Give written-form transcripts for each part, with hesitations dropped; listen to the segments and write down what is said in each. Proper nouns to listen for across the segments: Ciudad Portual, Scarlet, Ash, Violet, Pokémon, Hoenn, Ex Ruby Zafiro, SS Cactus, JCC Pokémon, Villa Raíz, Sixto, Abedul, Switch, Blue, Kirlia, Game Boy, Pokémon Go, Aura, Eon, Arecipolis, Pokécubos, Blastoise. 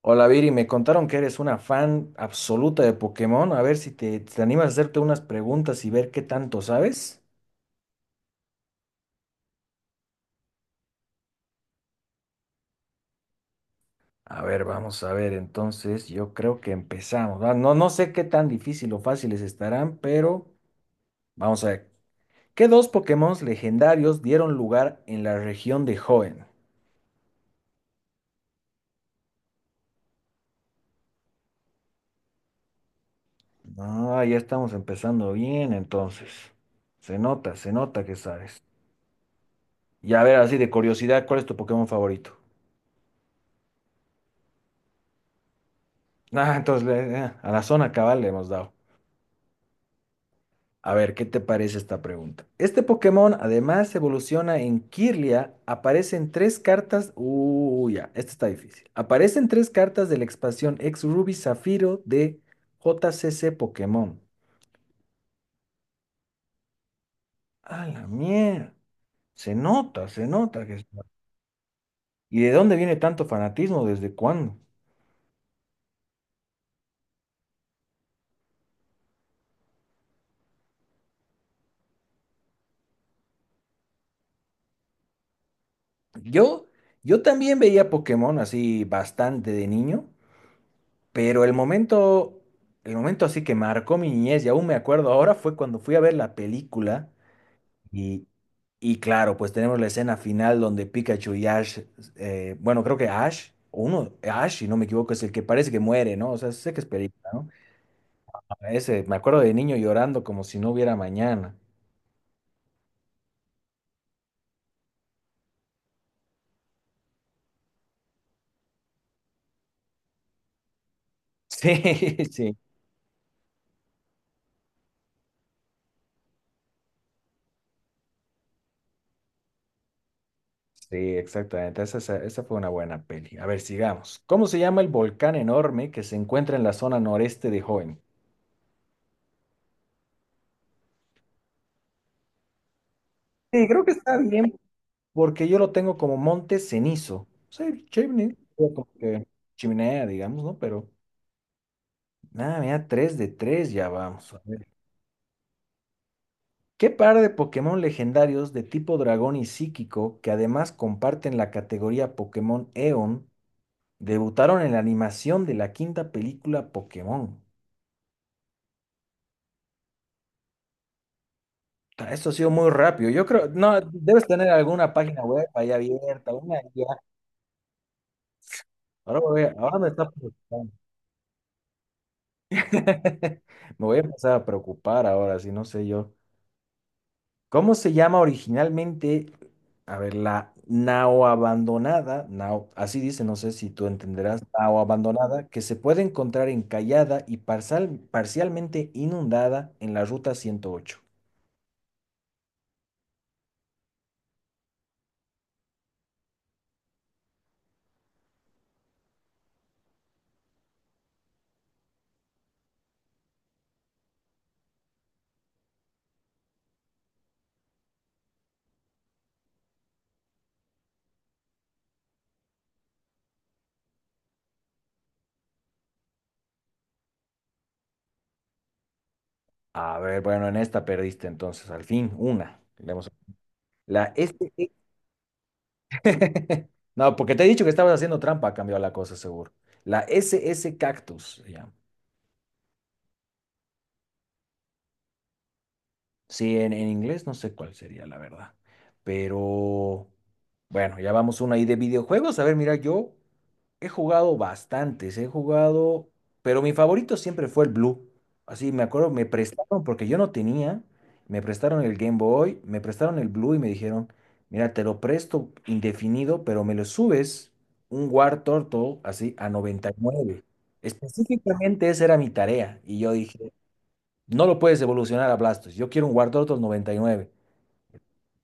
Hola Viri, me contaron que eres una fan absoluta de Pokémon. A ver si te animas a hacerte unas preguntas y ver qué tanto sabes. A ver, vamos a ver. Entonces, yo creo que empezamos. Ah, no, no sé qué tan difícil o fáciles estarán, pero vamos a ver. ¿Qué dos Pokémon legendarios dieron lugar en la región de Hoenn? Ah, ya estamos empezando bien, entonces. Se nota que sabes. Y a ver, así de curiosidad, ¿cuál es tu Pokémon favorito? Ah, entonces a la zona cabal le hemos dado. A ver, ¿qué te parece esta pregunta? Este Pokémon además evoluciona en Kirlia. Aparecen tres cartas. Uy, ya, esta está difícil. Aparecen tres cartas de la expansión Ex Ruby Zafiro de JCC Pokémon. A la mierda. Se nota que está- ¿Y de dónde viene tanto fanatismo? ¿Desde cuándo? Yo, yo también veía Pokémon así bastante de niño. Pero el momento así que marcó mi niñez, y aún me acuerdo ahora, fue cuando fui a ver la película y, y claro, pues tenemos la escena final donde Pikachu y Ash, bueno, creo que Ash, o uno, Ash, si no me equivoco, es el que parece que muere, ¿no? O sea, sé que es película, ¿no? A ese, me acuerdo de niño llorando como si no hubiera mañana. Sí, sí, sí, exactamente. Esa fue una buena peli. A ver, sigamos. ¿Cómo se llama el volcán enorme que se encuentra en la zona noreste de Hoenn? Sí, creo que está bien porque yo lo tengo como monte cenizo. Sí, chimney, o como que chimenea, digamos, ¿no? Pero, nada, mira, 3 de 3 ya vamos. A ver. ¿Qué par de Pokémon legendarios de tipo dragón y psíquico, que además comparten la categoría Pokémon Eon, debutaron en la animación de la quinta película Pokémon? Ta, esto ha sido muy rápido. Yo creo, no, debes tener alguna página web ahí abierta, una guía. Ahora, ahora me está preocupando. Me voy a empezar a preocupar ahora, si no sé yo. ¿Cómo se llama originalmente? A ver, la nao abandonada, nao, así dice, no sé si tú entenderás, nao abandonada, que se puede encontrar encallada y parcialmente inundada en la ruta 108. A ver, bueno, en esta perdiste entonces, al fin, una. Le hemos- La S... S. No, porque te he dicho que estabas haciendo trampa, ha cambiado la cosa, seguro. La SS Cactus, se llama. Sí, en inglés no sé cuál sería, la verdad. Pero bueno, ya vamos una ahí de videojuegos. A ver, mira, yo he jugado bastantes, he jugado, pero mi favorito siempre fue el Blue. Así me acuerdo, me prestaron porque yo no tenía, me prestaron el Game Boy, me prestaron el Blue y me dijeron, mira, te lo presto indefinido, pero me lo subes un War Turtle así a 99. Específicamente esa era mi tarea. Y yo dije, no lo puedes evolucionar a Blastos. Yo quiero un Wartortle 99.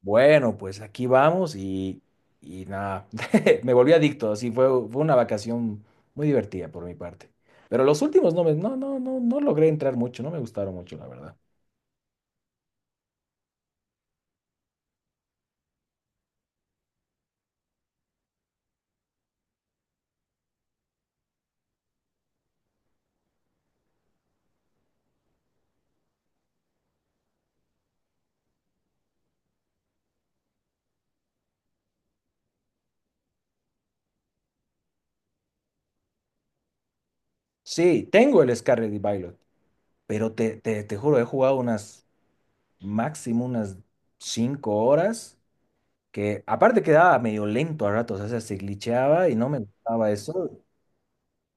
Bueno, pues aquí vamos y nada, me volví adicto. Así fue una vacación muy divertida por mi parte. Pero los últimos no logré entrar mucho, no me gustaron mucho, la verdad. Sí, tengo el Scarlet y Violet, pero te juro, he jugado máximo unas 5 horas, que aparte quedaba medio lento a ratos, o sea, se glitcheaba y no me gustaba eso.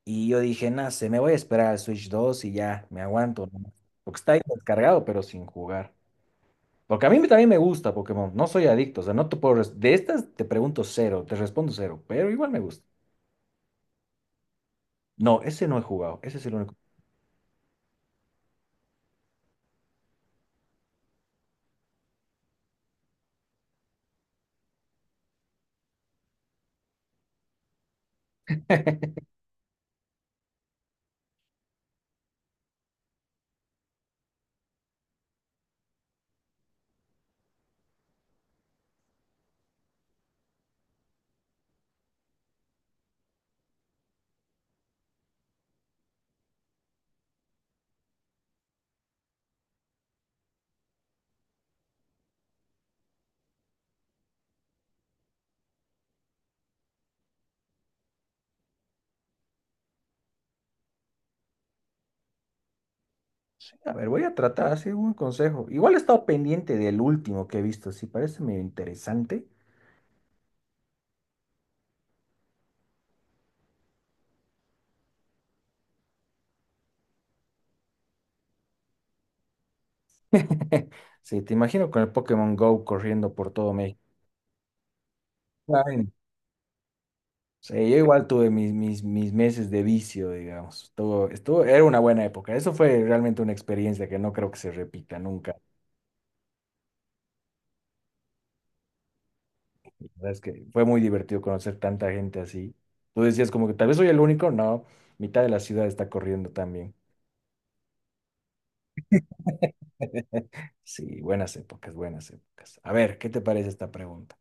Y yo dije, nada, se me voy a esperar al Switch 2 y ya, me aguanto, ¿no? Porque está ahí descargado, pero sin jugar. Porque a mí también me gusta Pokémon, no soy adicto, o sea, no te puedo... De estas te pregunto cero, te respondo cero, pero igual me gusta. No, ese no he jugado, ese es el único. Sí, a ver, voy a tratar, así un consejo. Igual he estado pendiente del último que he visto, sí, parece medio interesante. Sí, te imagino con el Pokémon Go corriendo por todo México. Sí, yo igual tuve mis meses de vicio, digamos. Era una buena época. Eso fue realmente una experiencia que no creo que se repita nunca. La verdad es que fue muy divertido conocer tanta gente así. Tú decías como que tal vez soy el único. No, mitad de la ciudad está corriendo también. Sí, buenas épocas, buenas épocas. A ver, ¿qué te parece esta pregunta?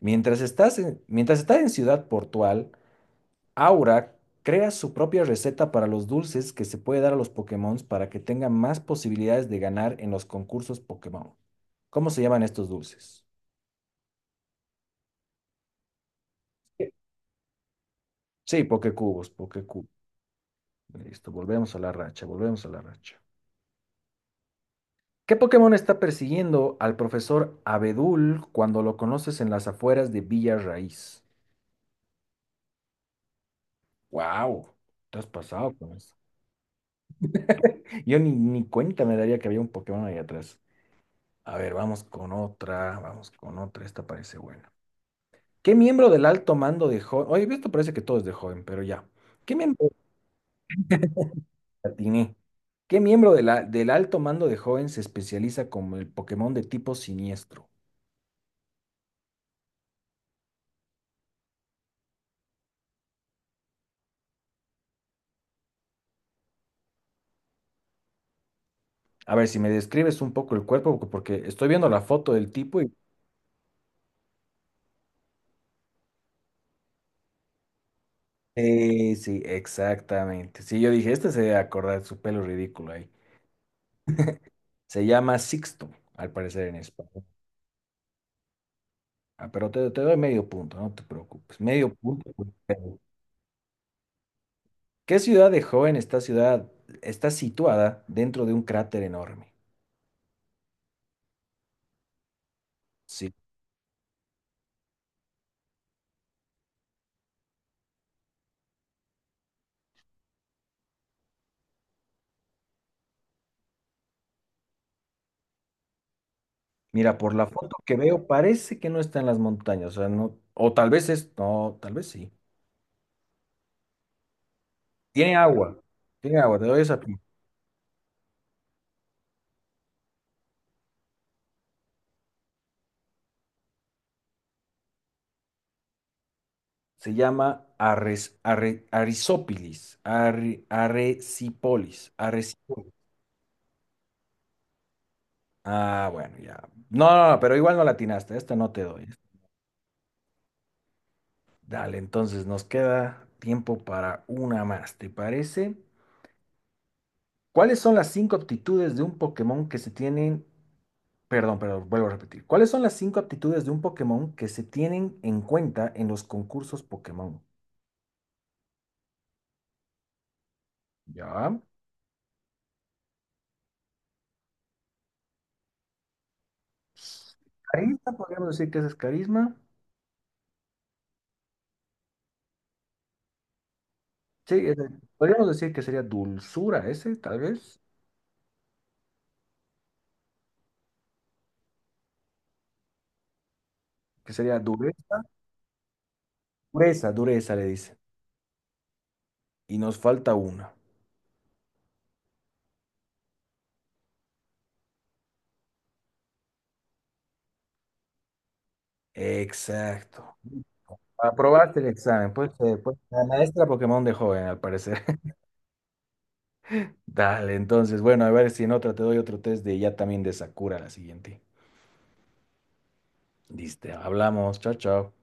Mientras estás en Ciudad Portual, Aura crea su propia receta para los dulces que se puede dar a los Pokémon para que tengan más posibilidades de ganar en los concursos Pokémon. ¿Cómo se llaman estos dulces? Sí, sí, Pokécubos, Pokécubos. Listo, volvemos a la racha, volvemos a la racha. ¿Qué Pokémon está persiguiendo al profesor Abedul cuando lo conoces en las afueras de Villa Raíz? ¡Wow! Te has pasado con eso. Yo ni cuenta me daría que había un Pokémon ahí atrás. A ver, vamos con otra, esta parece buena. ¿Qué miembro del alto mando de joven? Oye, esto parece que todo es de joven, pero ya. ¿Qué miembro la atiné? ¿Qué miembro de del alto mando de joven se especializa como el Pokémon de tipo siniestro? A ver, si me describes un poco el cuerpo, porque estoy viendo la foto del tipo y... Sí, sí, exactamente. Sí, yo dije, este se debe acordar su pelo ridículo ahí. Se llama Sixto, al parecer en español. Ah, pero te doy medio punto, no te preocupes. Medio punto. ¿Qué ciudad de joven esta ciudad está situada dentro de un cráter enorme? Sí. Mira, por la foto que veo, parece que no está en las montañas, o sea, no, o tal vez es, no, tal vez sí. Tiene agua, tiene agua, te doy esa pista. Se llama Arres, Arre- Arisópilis, Arre- Arecipolis, Arecipolis. Ah, bueno, ya. No, no, no, pero igual no latinaste, esta no te doy. Dale, entonces nos queda tiempo para una más, ¿te parece? ¿Cuáles son las cinco aptitudes de un Pokémon que se tienen, perdón, perdón, vuelvo a repetir. ¿Cuáles son las cinco aptitudes de un Pokémon que se tienen en cuenta en los concursos Pokémon? Ya. Carisma, podríamos decir que ese es carisma. Sí, podríamos decir que sería dulzura ese, tal vez. Que sería dureza. Dureza, dureza le dice. Y nos falta una. Exacto. Aprobaste el examen. Pues, la maestra Pokémon de joven, al parecer. Dale, entonces, bueno, a ver si en otra te doy otro test de ya también de Sakura la siguiente. Listo, hablamos, chao, chao.